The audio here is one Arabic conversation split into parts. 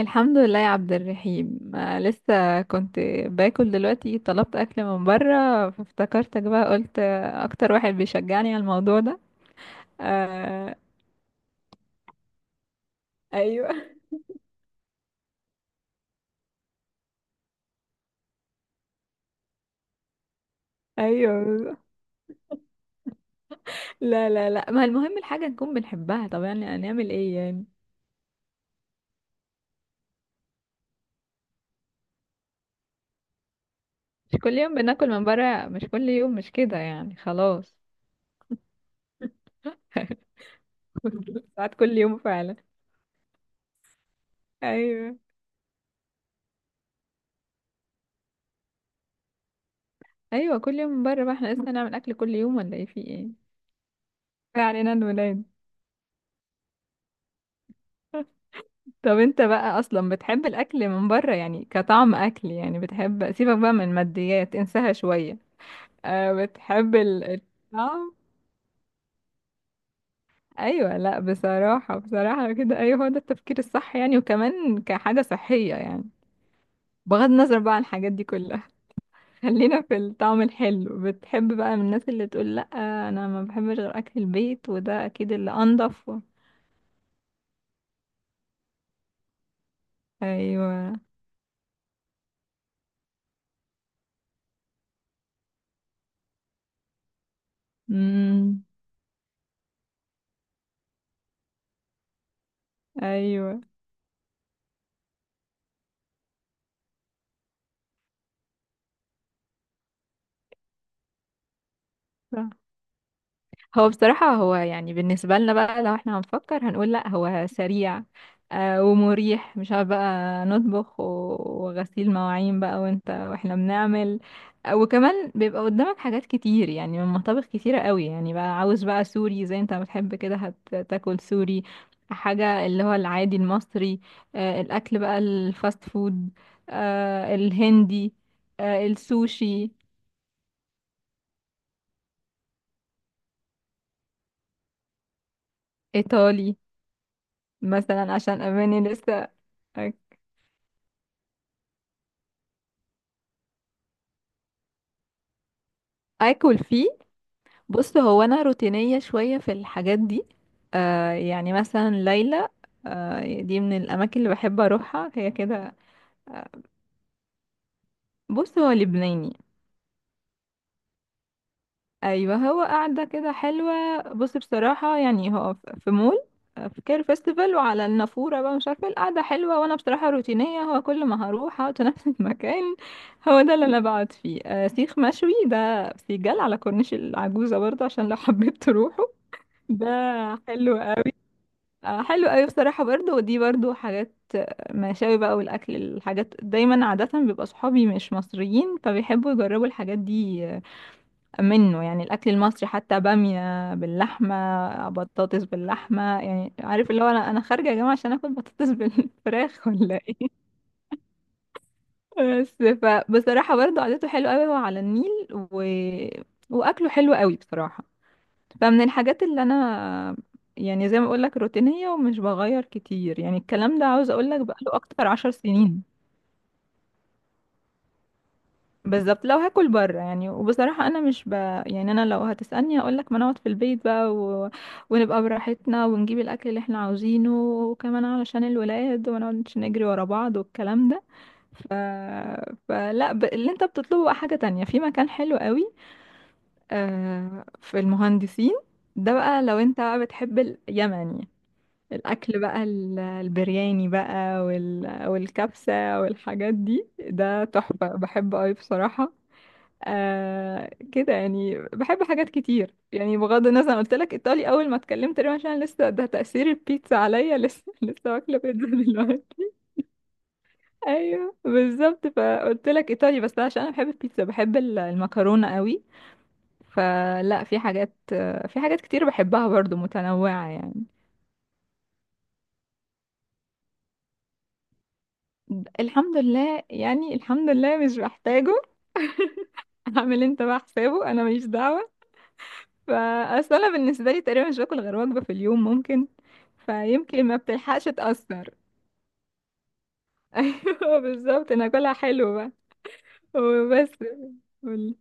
الحمد لله يا عبد الرحيم، لسه كنت باكل دلوقتي. طلبت اكل من بره فافتكرتك بقى، قلت اكتر واحد بيشجعني على الموضوع ده. آه. ايوه. ايوه، لا لا لا، ما المهم الحاجه نكون بنحبها. طب يعني هنعمل ايه يعني؟ مش كل يوم بناكل من بره، مش كل يوم، مش كده يعني خلاص. ساعات كل يوم فعلا. ايوه ايوه، كل يوم من بره بقى. احنا لسه هنعمل اكل كل يوم ولا ايه؟ في ايه؟ ما علينا، الولاد. طب انت بقى اصلا بتحب الاكل من بره يعني كطعم اكل؟ يعني بتحب، سيبك بقى من الماديات انساها شوية. أه، بتحب الطعم. ايوه، لا بصراحة بصراحة كده ايوه، هو ده التفكير الصح يعني، وكمان كحاجة صحية يعني، بغض النظر بقى عن الحاجات دي كلها. خلينا في الطعم الحلو. بتحب بقى؟ من الناس اللي تقول لا انا ما بحبش غير اكل البيت، وده اكيد اللي انضف و... ايوه. امم. ايوه. صح. هو بصراحة، هو يعني بالنسبة لنا بقى لو احنا هنفكر هنقول، لا هو سريع آه، ومريح، مش عارف بقى نطبخ وغسيل مواعين بقى، وانت واحنا بنعمل. وكمان بيبقى قدامك حاجات كتير يعني، من مطابخ كتيرة قوي. يعني بقى عاوز بقى سوري زي انت بتحب كده، هتاكل سوري. حاجة اللي هو العادي المصري، آه الأكل بقى الفاست فود، آه الهندي، آه السوشي، إيطالي. مثلا عشان أماني لسه اكل فيه. بص، هو انا روتينيه شويه في الحاجات دي. آه يعني مثلا ليلى، آه دي من الاماكن اللي بحب اروحها هي كده. آه، بص هو لبناني. ايوه، هو قاعده كده حلوه، بص بصراحه، يعني هو في مول، في كير فيستيفال، وعلى النافوره بقى مش عارفه القعده حلوه، وانا بصراحه روتينيه، هو كل ما هروح اقعد في نفس المكان، هو ده اللي انا بقعد فيه. آه، سيخ مشوي ده سيجال على كورنيش العجوزه برضه، عشان لو حبيت تروحوا ده. حلو، حلو قوي بصراحة برضو. ودي برضو حاجات مشاوي بقى، والأكل الحاجات دايما. عادة بيبقى صحابي مش مصريين، فبيحبوا يجربوا الحاجات دي منه. يعني الأكل المصري حتى، بامية باللحمة بطاطس باللحمة، يعني عارف اللي هو أنا خارجة يا جماعة عشان آكل بطاطس بالفراخ؟ ولا إيه؟ بس. فبصراحة برضو عادته حلوة قوي، هو على النيل و... وأكله حلو قوي بصراحة. فمن الحاجات اللي انا، يعني زي ما اقول لك، روتينية ومش بغير كتير يعني. الكلام ده عاوز اقول لك بقاله اكتر عشر سنين. بالظبط، لو هاكل بره يعني. وبصراحة انا مش ب... يعني انا لو هتسألني اقول لك ما نقعد في البيت بقى و... ونبقى براحتنا، ونجيب الاكل اللي احنا عاوزينه، وكمان علشان الولاد ونقعد نجري ورا بعض والكلام ده. ف... فلا ب... اللي انت بتطلبه بقى حاجة تانية، في مكان حلو قوي في المهندسين. ده بقى لو انت بقى بتحب اليمني، الأكل بقى البرياني بقى، والكبسة والحاجات دي، ده تحفة، بحب أوي بصراحة. آه كده يعني، بحب حاجات كتير يعني، بغض النظر. أنا قلت لك إيطالي أول ما اتكلمت تقريبا عشان لسه ده تأثير البيتزا عليا، لسه لسه واكلة بيتزا دلوقتي. أيوه بالظبط، فقلت لك إيطالي، بس ده عشان أنا بحب البيتزا، بحب المكرونة أوي. فلا، في حاجات، في حاجات كتير بحبها برضو، متنوعة يعني. الحمد لله يعني، الحمد لله مش محتاجه. هعمل انت بقى حسابه، انا ماليش دعوه. فاصل انا بالنسبه لي تقريبا مش باكل غير وجبه في اليوم، ممكن فيمكن ما بتلحقش تاثر. ايوه بالظبط، انا اكلها حلو بقى وبس. قولي.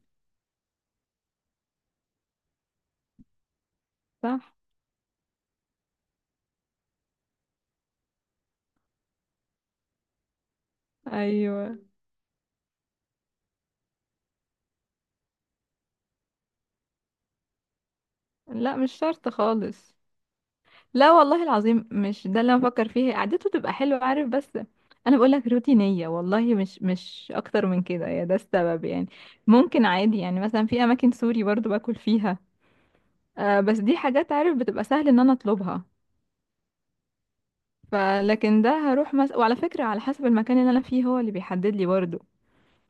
صح. ايوه. لا مش شرط خالص، لا والله العظيم، مش ده اللي انا بفكر فيه. قعدته تبقى حلوه عارف، بس انا بقول لك روتينيه والله، مش اكتر من كده، يا ده السبب يعني. ممكن عادي يعني، مثلا في اماكن سوري برضو باكل فيها، آه بس دي حاجات عارف بتبقى سهل ان انا اطلبها. فلكن ده هروح مثلا، وعلى فكرة على حسب المكان اللي انا فيه هو اللي بيحدد لي برضه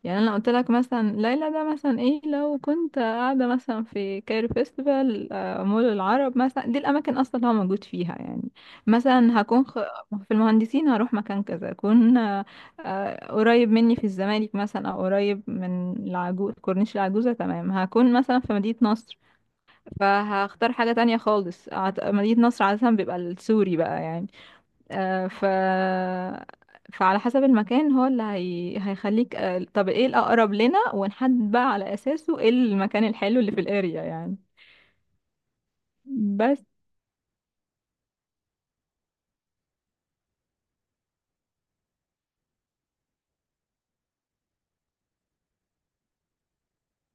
يعني. انا قلت لك مثلا ليلى ده، مثلا ايه، لو كنت قاعدة مثلا في كايرو فيستيفال، مول العرب مثلا، دي الاماكن اصلا اللي هو موجود فيها يعني. مثلا هكون خ... في المهندسين هروح مكان كذا، اكون قريب مني في الزمالك مثلا، او قريب من العجوز، كورنيش العجوزة. تمام، هكون مثلا في مدينة نصر فهختار حاجة تانية خالص. عت- مدينة نصر عادة بيبقى السوري بقى يعني. ف، فعلى حسب المكان هو اللي هي... هيخليك طب ايه الأقرب لنا، ونحدد بقى على أساسه ايه المكان الحلو اللي في الاريا يعني. بس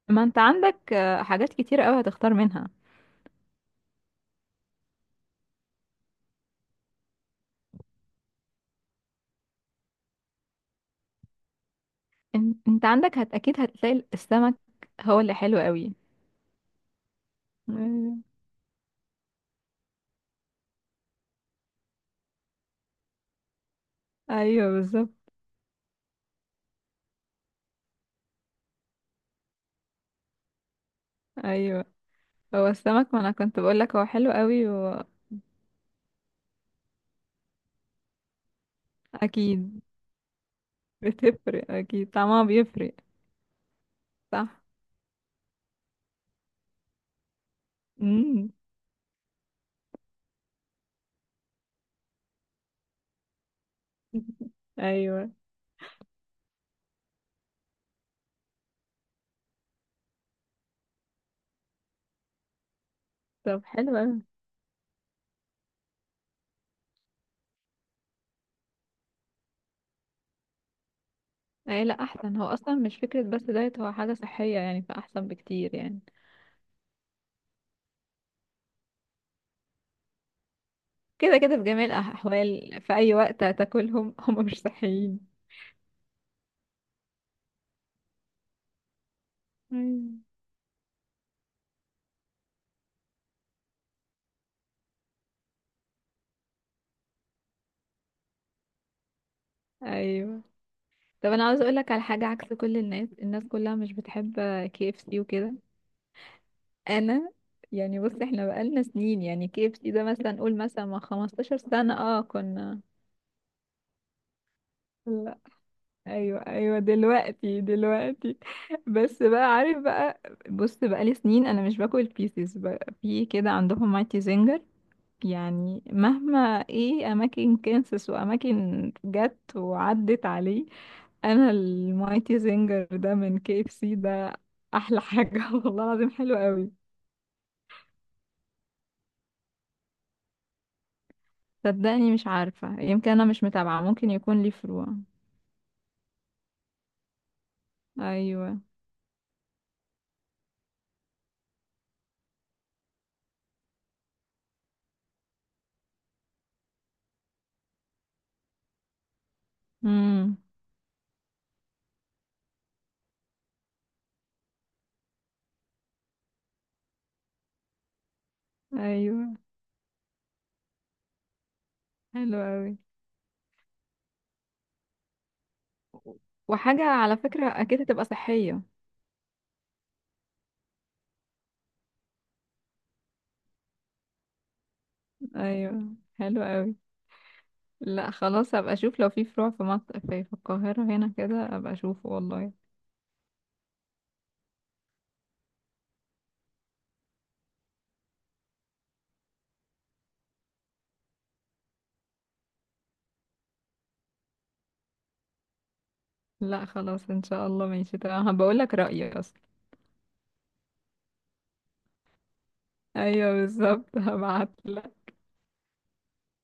ما انت عندك حاجات كتير قوي هتختار منها. انت عندك هت... اكيد هتلاقي السمك، هو اللي حلو قوي. مم. ايوه بالظبط. ايوه، هو السمك ما انا كنت بقول لك هو حلو قوي. واكيد بتفرق، اكيد طعمها بيفرق. صح. امم. ايوه. طب حلو قوي. ايه لا احسن، هو اصلا مش فكرة بس دايت، هو حاجة صحية يعني، فاحسن بكتير يعني. كده كده في جميع الاحوال في اي وقت هتاكلهم، هم مش صحيين. مم. ايوه. طب انا عاوز اقولك على حاجة، عكس كل الناس، الناس كلها مش بتحب كي اف سي وكده. انا يعني بص، احنا بقالنا سنين يعني، كي اف سي ده مثلا قول مثلا من 15 سنة اه كنا. ايوه ايوه، دلوقتي دلوقتي. بس بقى عارف بقى، بص، بقى لي سنين انا مش باكل بيسز بقى. في كده عندهم مايتي زنجر، يعني مهما، ايه اماكن كانسس واماكن جت وعدت عليه. انا المايتي زنجر ده من كي اف سي ده احلى حاجه. والله العظيم حلو قوي. صدقني مش عارفه، يمكن انا مش متابعه، ممكن يكون ليه فروع. ايوه. امم. ايوه. حلو قوي. وحاجة على فكرة أكيد هتبقى صحية. أيوة. حلو قوي. لا خلاص، هبقى أشوف لو في فروع في مصر، في في القاهرة هنا كده أبقى أشوفه والله. لا خلاص إن شاء الله، ماشي تمام، هبقول لك رأيي أصلا. أيوة بالظبط. هبعت.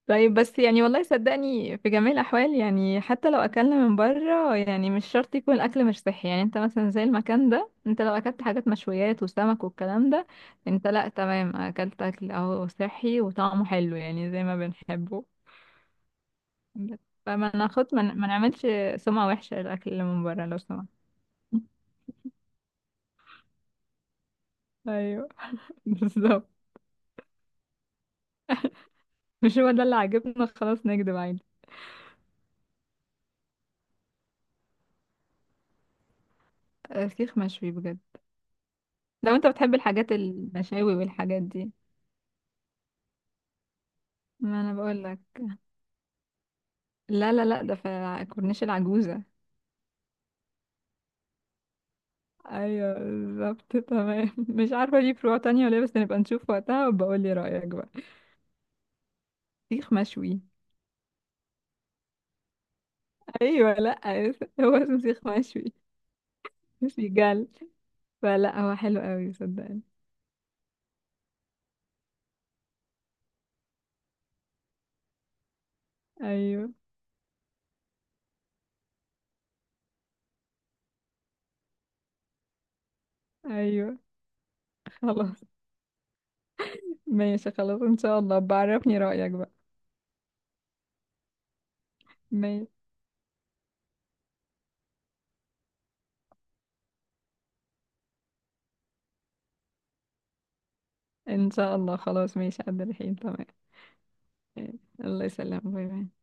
طيب بس يعني والله صدقني في جميع الأحوال يعني، حتى لو أكلنا من بره يعني مش شرط يكون الأكل مش صحي. يعني انت مثلا زي المكان ده، انت لو أكلت حاجات مشويات وسمك والكلام ده، انت لأ تمام، أكلت أكل أهو صحي وطعمه حلو يعني زي ما بنحبه. فما ناخد، ما نعملش سمعة وحشة للأكل اللي من بره لو سمحت. ايوه بالظبط، مش هو ده اللي عاجبنا خلاص، نكدب عادي. سيخ مشوي بجد. لو انت بتحب الحاجات المشاوي والحاجات دي، ما انا بقول لك. لا لا لا، ده في كورنيش العجوزة. ايوه بالظبط تمام. مش عارفة ليه فروع تانية ولا إيه؟ بس نبقى نشوف وقتها، وبقول لي رأيك بقى. سيخ مشوي. ايوه لا. هو اسمه سيخ مشوي. مش بيجل. فلا هو حلو قوي صدقني. ايوه ايوه خلاص، ماشي خلاص ان شاء الله، بعرفني رأيك بقى. ماشي، ان شاء الله. خلاص ماشي قد الحين، تمام. الله يسلمك، باي باي.